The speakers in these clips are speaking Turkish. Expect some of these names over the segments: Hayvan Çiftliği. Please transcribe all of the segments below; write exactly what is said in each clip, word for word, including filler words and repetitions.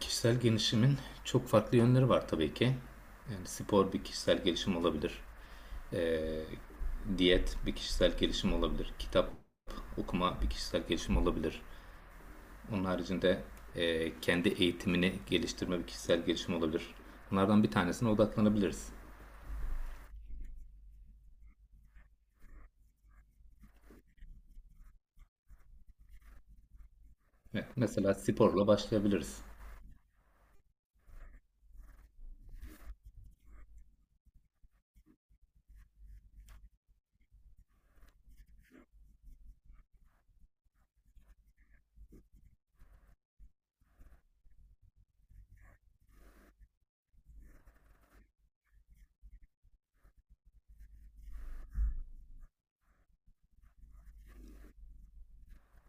Kişisel gelişimin çok farklı yönleri var tabii ki. Yani spor bir kişisel gelişim olabilir. Ee, diyet bir kişisel gelişim olabilir. Kitap okuma bir kişisel gelişim olabilir. Onun haricinde e, kendi eğitimini geliştirme bir kişisel gelişim olabilir. Bunlardan bir tanesine odaklanabiliriz. Evet, mesela sporla başlayabiliriz.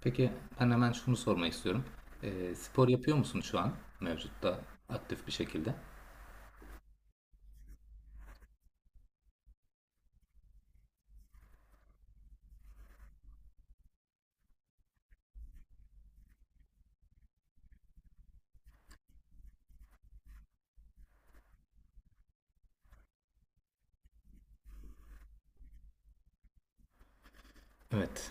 Peki ben hemen şunu sormak istiyorum. Ee, spor yapıyor musun şu an mevcutta aktif bir şekilde? Evet.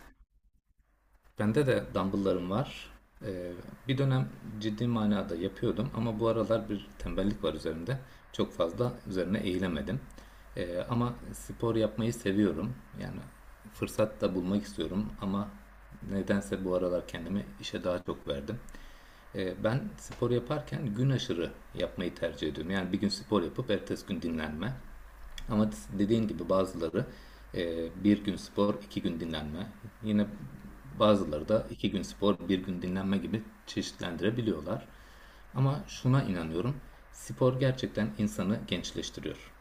Bende de dumbbell'larım var. Ee, bir dönem ciddi manada yapıyordum ama bu aralar bir tembellik var üzerimde. Çok fazla üzerine eğilemedim. Ee, ama spor yapmayı seviyorum. Yani fırsat da bulmak istiyorum ama nedense bu aralar kendimi işe daha çok verdim. Ee, Ben spor yaparken gün aşırı yapmayı tercih ediyorum. Yani bir gün spor yapıp ertesi gün dinlenme. Ama dediğin gibi bazıları e, bir gün spor, iki gün dinlenme. Yine bazıları da iki gün spor, bir gün dinlenme gibi çeşitlendirebiliyorlar. Ama şuna inanıyorum. Spor gerçekten insanı gençleştiriyor.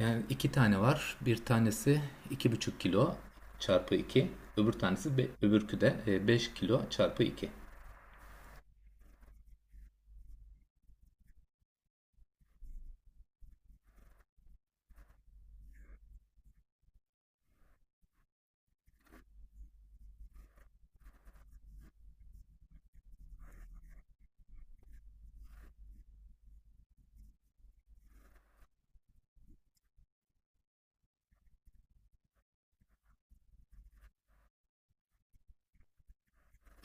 Yani iki tane var. Bir tanesi iki buçuk kilo çarpı iki. Öbür tanesi öbürkü de e, beş kilo çarpı iki.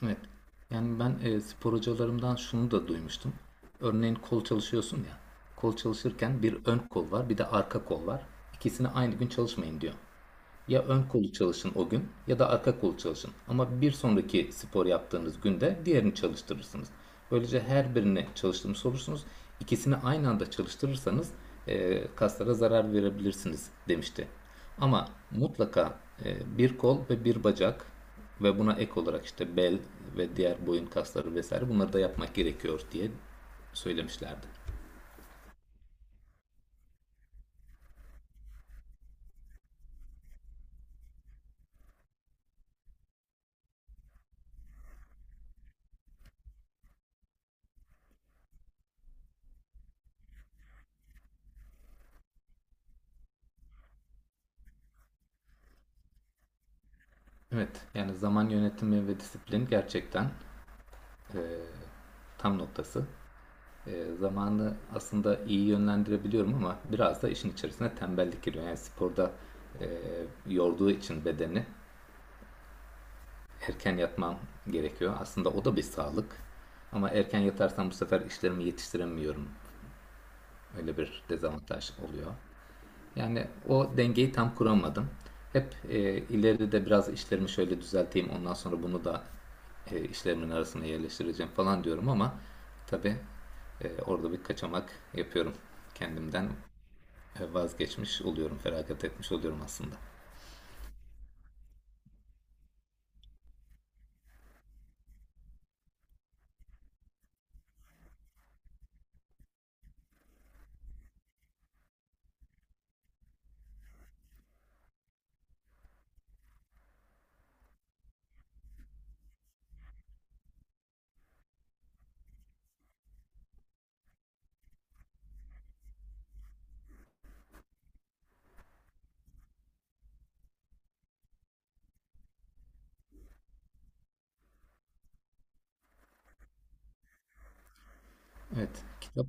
Evet. Yani ben e, spor hocalarımdan şunu da duymuştum. Örneğin kol çalışıyorsun ya. Kol çalışırken bir ön kol var, bir de arka kol var. İkisini aynı gün çalışmayın diyor. Ya ön kolu çalışın o gün ya da arka kolu çalışın. Ama bir sonraki spor yaptığınız günde diğerini çalıştırırsınız. Böylece her birini çalıştırmış olursunuz. İkisini aynı anda çalıştırırsanız e, kaslara zarar verebilirsiniz demişti. Ama mutlaka e, bir kol ve bir bacak ve buna ek olarak işte bel ve diğer boyun kasları vesaire bunları da yapmak gerekiyor diye söylemişlerdi. Evet yani zaman yönetimi ve disiplin gerçekten tam noktası. Ee, zamanı aslında iyi yönlendirebiliyorum ama biraz da işin içerisine tembellik giriyor. Yani sporda e, yorduğu için bedeni erken yatmam gerekiyor. Aslında o da bir sağlık. Ama erken yatarsam bu sefer işlerimi yetiştiremiyorum. Öyle bir dezavantaj oluyor. Yani o dengeyi tam kuramadım. Hep e, ileride biraz işlerimi şöyle düzelteyim, ondan sonra bunu da e, işlerimin arasına yerleştireceğim falan diyorum ama tabii e, orada bir kaçamak yapıyorum. Kendimden e, vazgeçmiş oluyorum, feragat etmiş oluyorum aslında. Evet, kitap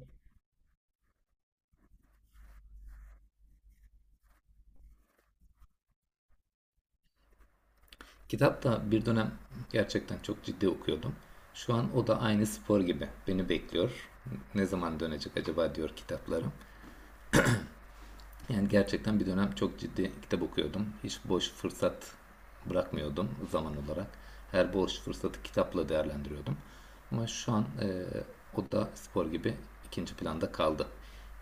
kitap da bir dönem gerçekten çok ciddi okuyordum. Şu an o da aynı spor gibi beni bekliyor. Ne zaman dönecek acaba diyor kitaplarım. Yani gerçekten bir dönem çok ciddi kitap okuyordum. Hiç boş fırsat bırakmıyordum zaman olarak. Her boş fırsatı kitapla değerlendiriyordum. Ama şu an e, o da spor gibi ikinci planda kaldı.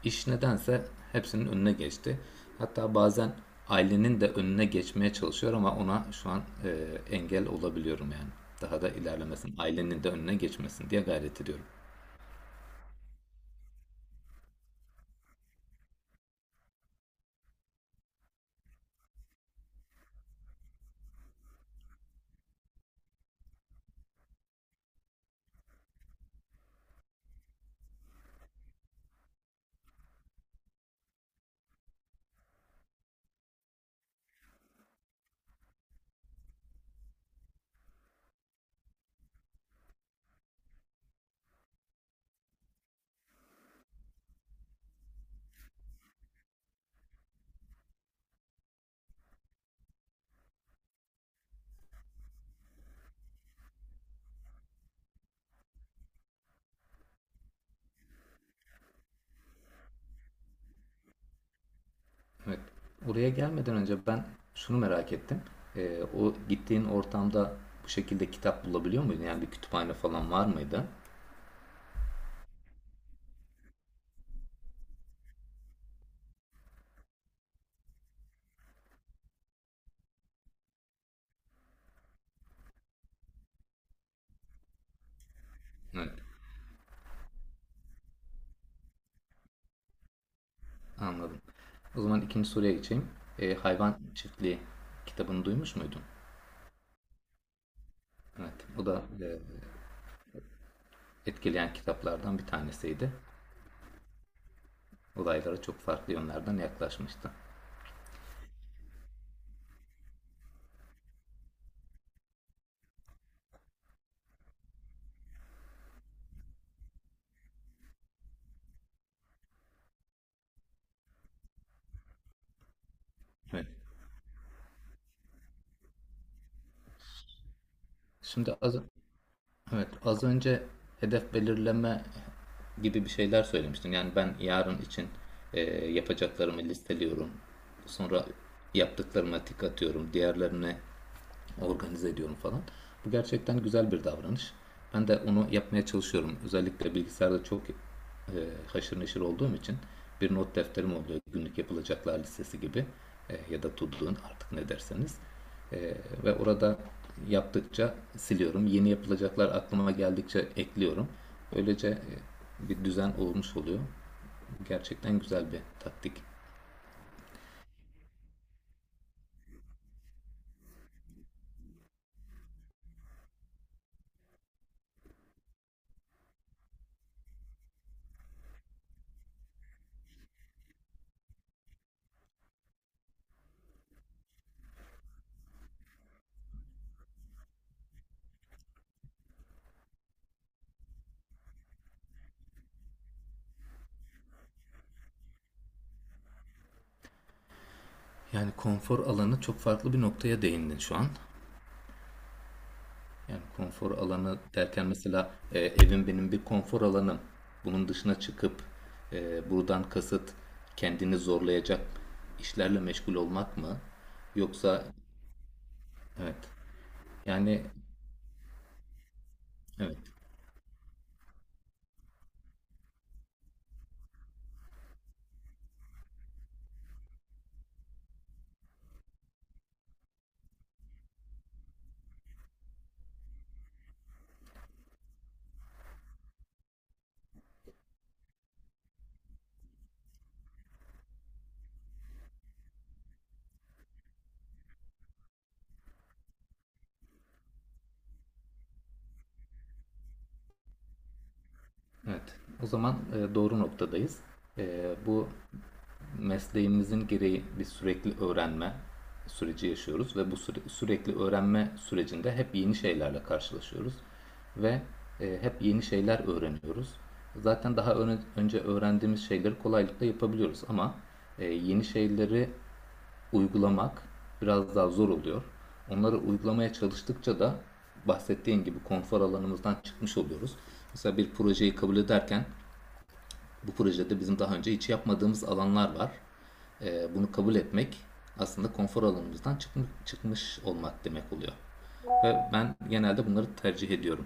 İş nedense hepsinin önüne geçti. Hatta bazen ailenin de önüne geçmeye çalışıyor ama ona şu an e, engel olabiliyorum yani. Daha da ilerlemesin, ailenin de önüne geçmesin diye gayret ediyorum. Evet. Buraya gelmeden önce ben şunu merak ettim. Ee, o gittiğin ortamda bu şekilde kitap bulabiliyor muydun? Yani bir kütüphane falan var mıydı? Evet. Anladım. O zaman ikinci soruya geçeyim. Ee, Hayvan Çiftliği kitabını duymuş muydun? Evet. O da e, etkileyen kitaplardan bir tanesiydi. Olaylara çok farklı yönlerden yaklaşmıştı. Evet. Şimdi az, Evet, az önce hedef belirleme gibi bir şeyler söylemiştin. Yani ben yarın için e, yapacaklarımı listeliyorum. Sonra yaptıklarıma tik atıyorum. Diğerlerini organize ediyorum falan. Bu gerçekten güzel bir davranış. Ben de onu yapmaya çalışıyorum. Özellikle bilgisayarda çok e, haşır neşir olduğum için bir not defterim oluyor. Günlük yapılacaklar listesi gibi e, ya da to do'nun artık ne derseniz. E, ve orada yaptıkça siliyorum. Yeni yapılacaklar aklıma geldikçe ekliyorum. Böylece e, bir düzen olmuş oluyor. Gerçekten güzel bir taktik. Yani konfor alanı çok farklı bir noktaya değindin şu an. Yani konfor alanı derken mesela e, evim benim bir konfor alanım. Bunun dışına çıkıp e, buradan kasıt kendini zorlayacak işlerle meşgul olmak mı? Yoksa evet yani evet. Evet. O zaman e, doğru noktadayız. E, bu mesleğimizin gereği bir sürekli öğrenme süreci yaşıyoruz ve bu süre- sürekli öğrenme sürecinde hep yeni şeylerle karşılaşıyoruz ve e, hep yeni şeyler öğreniyoruz. Zaten daha öne- önce öğrendiğimiz şeyleri kolaylıkla yapabiliyoruz ama e, yeni şeyleri uygulamak biraz daha zor oluyor. Onları uygulamaya çalıştıkça da bahsettiğim gibi konfor alanımızdan çıkmış oluyoruz. Mesela bir projeyi kabul ederken bu projede bizim daha önce hiç yapmadığımız alanlar var. Ee, bunu kabul etmek aslında konfor alanımızdan çıkmış, çıkmış olmak demek oluyor. Ve ben genelde bunları tercih ediyorum.